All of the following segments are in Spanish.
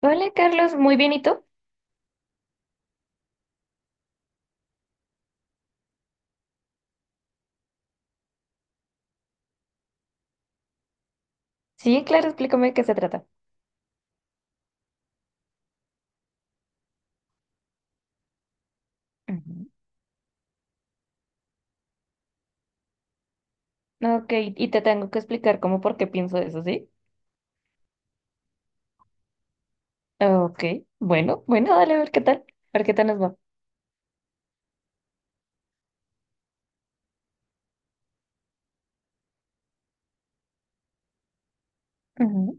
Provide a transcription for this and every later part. Hola Carlos, muy bien, ¿y tú? Sí, claro, explícame de qué se trata. Ujú. Ok, y te tengo que explicar cómo por qué pienso eso, ¿sí? Ok, bueno, bueno, dale, a ver qué tal, a ver qué tal nos va. Ujú.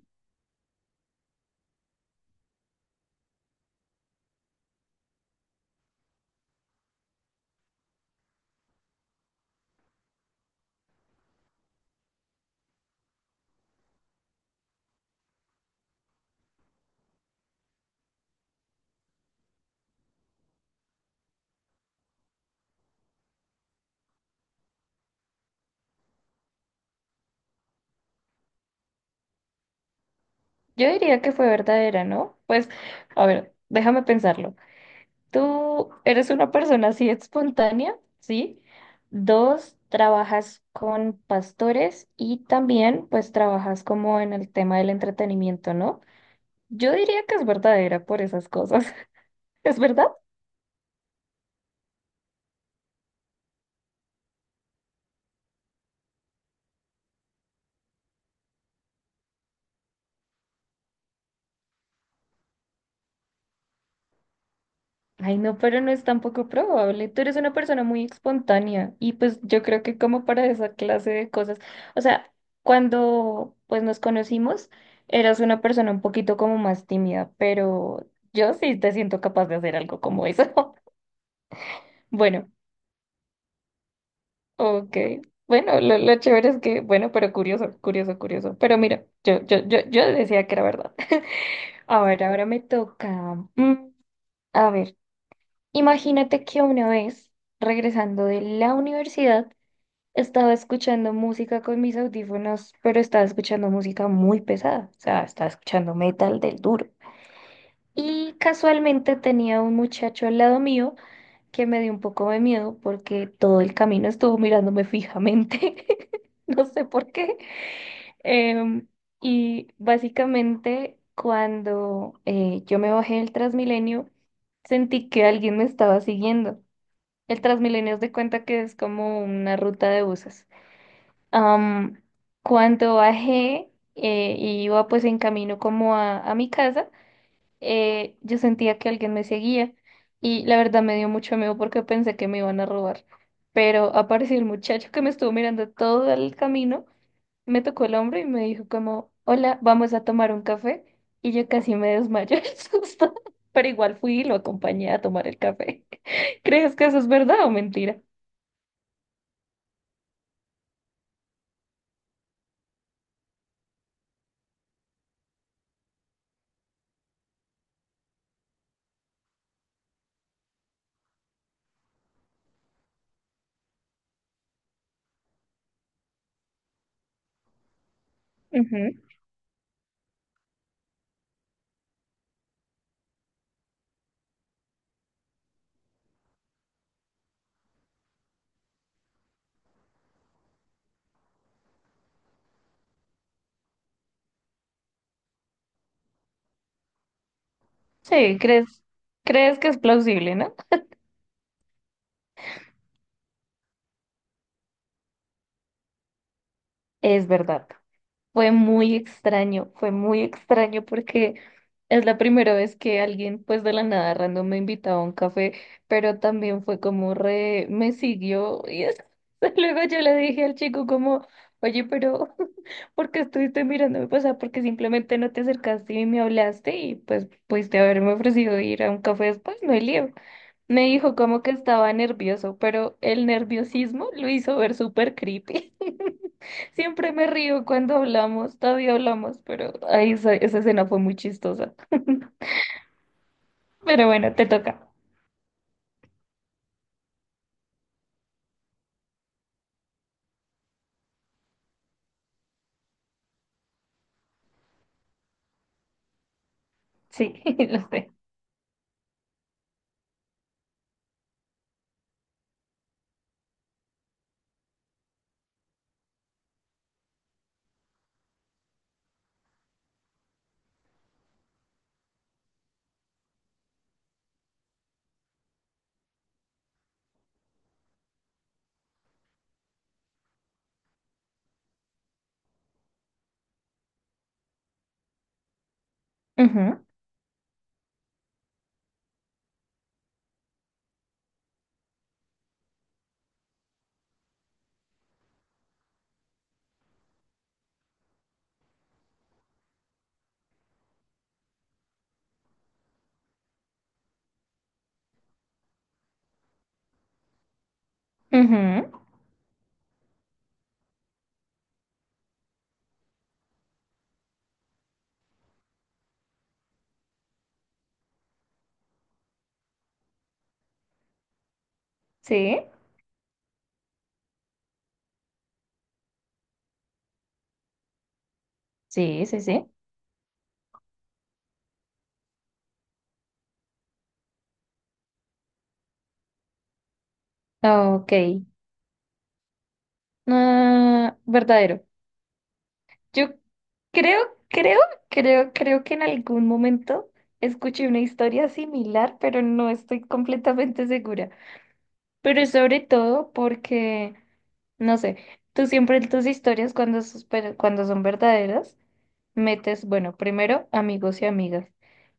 Yo diría que fue verdadera, ¿no? Pues, a ver, déjame pensarlo. Tú eres una persona así espontánea, ¿sí? Dos, trabajas con pastores y también pues trabajas como en el tema del entretenimiento, ¿no? Yo diría que es verdadera por esas cosas. ¿Es verdad? Ay, no, pero no es tampoco probable. Tú eres una persona muy espontánea y pues yo creo que como para esa clase de cosas, o sea, cuando pues nos conocimos, eras una persona un poquito como más tímida, pero yo sí te siento capaz de hacer algo como eso. Bueno, ok. Bueno, lo chévere es que, bueno, pero curioso, curioso, curioso. Pero mira, yo decía que era verdad. A ver, ahora me toca. A ver, imagínate que una vez, regresando de la universidad, estaba escuchando música con mis audífonos, pero estaba escuchando música muy pesada, o sea, estaba escuchando metal del duro. Y casualmente tenía un muchacho al lado mío que me dio un poco de miedo porque todo el camino estuvo mirándome fijamente, no sé por qué. Em, y básicamente cuando yo me bajé del Transmilenio, sentí que alguien me estaba siguiendo. El Transmilenio es de cuenta que es como una ruta de buses. Am, Cuando bajé y iba pues en camino como a mi casa, yo sentía que alguien me seguía y la verdad me dio mucho miedo porque pensé que me iban a robar. Pero apareció el muchacho que me estuvo mirando todo el camino, me tocó el hombro y me dijo como, hola, vamos a tomar un café. Y yo casi me desmayo el susto, pero igual fui y lo acompañé a tomar el café. ¿Crees que eso es verdad o mentira? Ujú. Sí, crees, ¿crees que es plausible, no? Es verdad, fue muy extraño porque es la primera vez que alguien pues de la nada random me invitaba a un café, pero también fue como re, me siguió y es- luego yo le dije al chico como, oye, pero ¿por qué estuviste mirándome? Pues, o sea, ¿porque simplemente no te acercaste y me hablaste? Y pues pudiste haberme ofrecido ir a un café después, no hay lío. Me dijo como que estaba nervioso, pero el nerviosismo lo hizo ver súper creepy. Siempre me río cuando hablamos, todavía hablamos, pero ahí esa, esa escena fue muy chistosa. Pero bueno, te toca. Sí, lo sé. Ujú, ujú, sí, sí, sí, sí. Ok. Ah, verdadero. Yo creo, creo, creo, creo que en algún momento escuché una historia similar, pero no estoy completamente segura. Pero sobre todo porque no sé, tú siempre en tus historias cuando, sos- pero cuando son verdaderas, metes, bueno, primero amigos y amigas.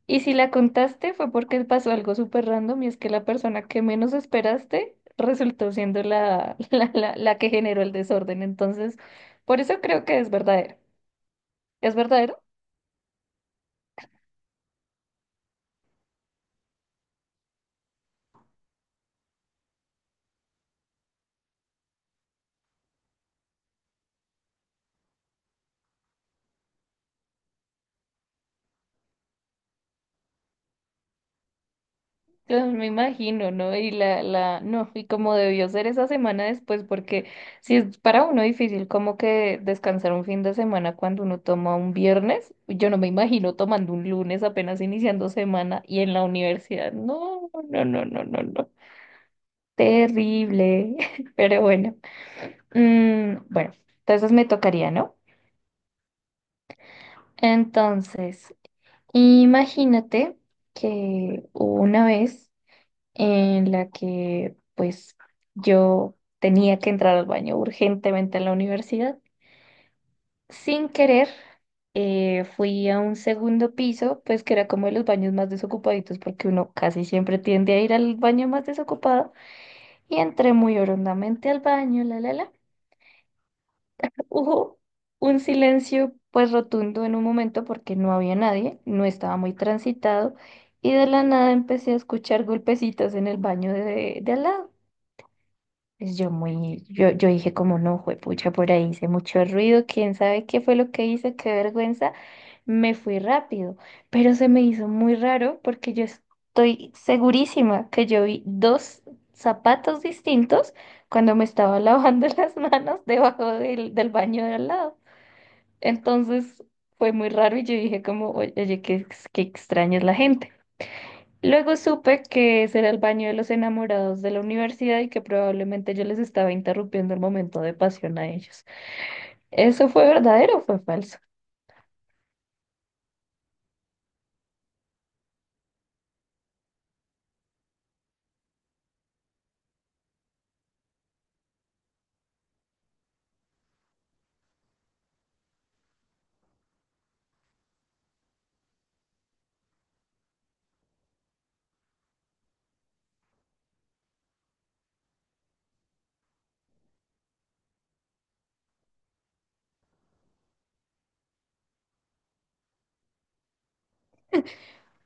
Y si la contaste fue porque pasó algo súper random y es que la persona que menos esperaste resultó siendo la que generó el desorden. Entonces, por eso creo que es verdadero. ¿Es verdadero? Claro, me imagino, ¿no? Y no, y como debió ser esa semana después, porque si es para uno difícil como que descansar un fin de semana cuando uno toma un viernes, yo no me imagino tomando un lunes apenas iniciando semana y en la universidad. No, no, no, no, no, no. Terrible. Pero bueno. Bueno, entonces me tocaría, ¿no? Entonces, imagínate que hubo una vez en la que pues yo tenía que entrar al baño urgentemente en la universidad. Sin querer, fui a un segundo piso, pues que era como de los baños más desocupaditos, porque uno casi siempre tiende a ir al baño más desocupado, y entré muy orondamente al baño, la, la, la. Hubo un silencio pues rotundo en un momento porque no había nadie, no estaba muy transitado, y de la nada empecé a escuchar golpecitos en el baño de al lado. Pues yo muy, yo dije como no, juepucha, por ahí hice mucho ruido, quién sabe qué fue lo que hice, qué vergüenza. Me fui rápido, pero se me hizo muy raro porque yo estoy segurísima que yo vi dos zapatos distintos cuando me estaba lavando las manos debajo del baño de al lado. Entonces fue muy raro y yo dije como, oye, oye, qué, ex- qué extraña es la gente. Luego supe que ese era el baño de los enamorados de la universidad y que probablemente yo les estaba interrumpiendo el momento de pasión a ellos. ¿Eso fue verdadero o fue falso?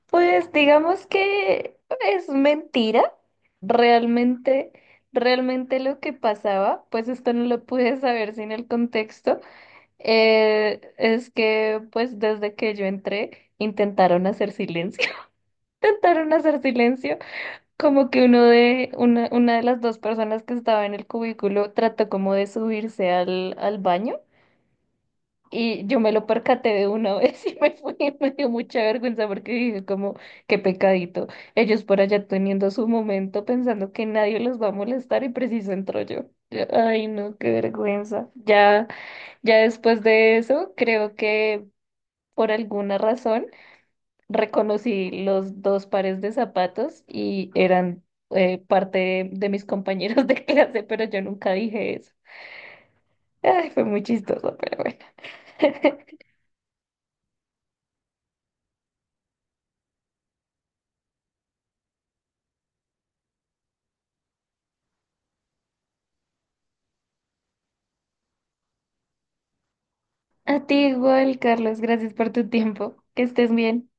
Pues digamos que es mentira. Realmente, realmente lo que pasaba, pues esto no lo pude saber sin el contexto, es que pues desde que yo entré intentaron hacer silencio. Intentaron hacer silencio. Como que una de las dos personas que estaba en el cubículo trató como de subirse al baño y yo me lo percaté de una vez y me fui, me dio mucha vergüenza porque dije como, qué pecadito, ellos por allá teniendo su momento pensando que nadie los va a molestar y preciso entro yo. Yo, ay, no, qué vergüenza. Ya, ya después de eso, creo que por alguna razón reconocí los dos pares de zapatos y eran parte de mis compañeros de clase, pero yo nunca dije eso. Ay, fue muy chistoso, pero bueno. A ti igual, Carlos, gracias por tu tiempo. Que estés bien.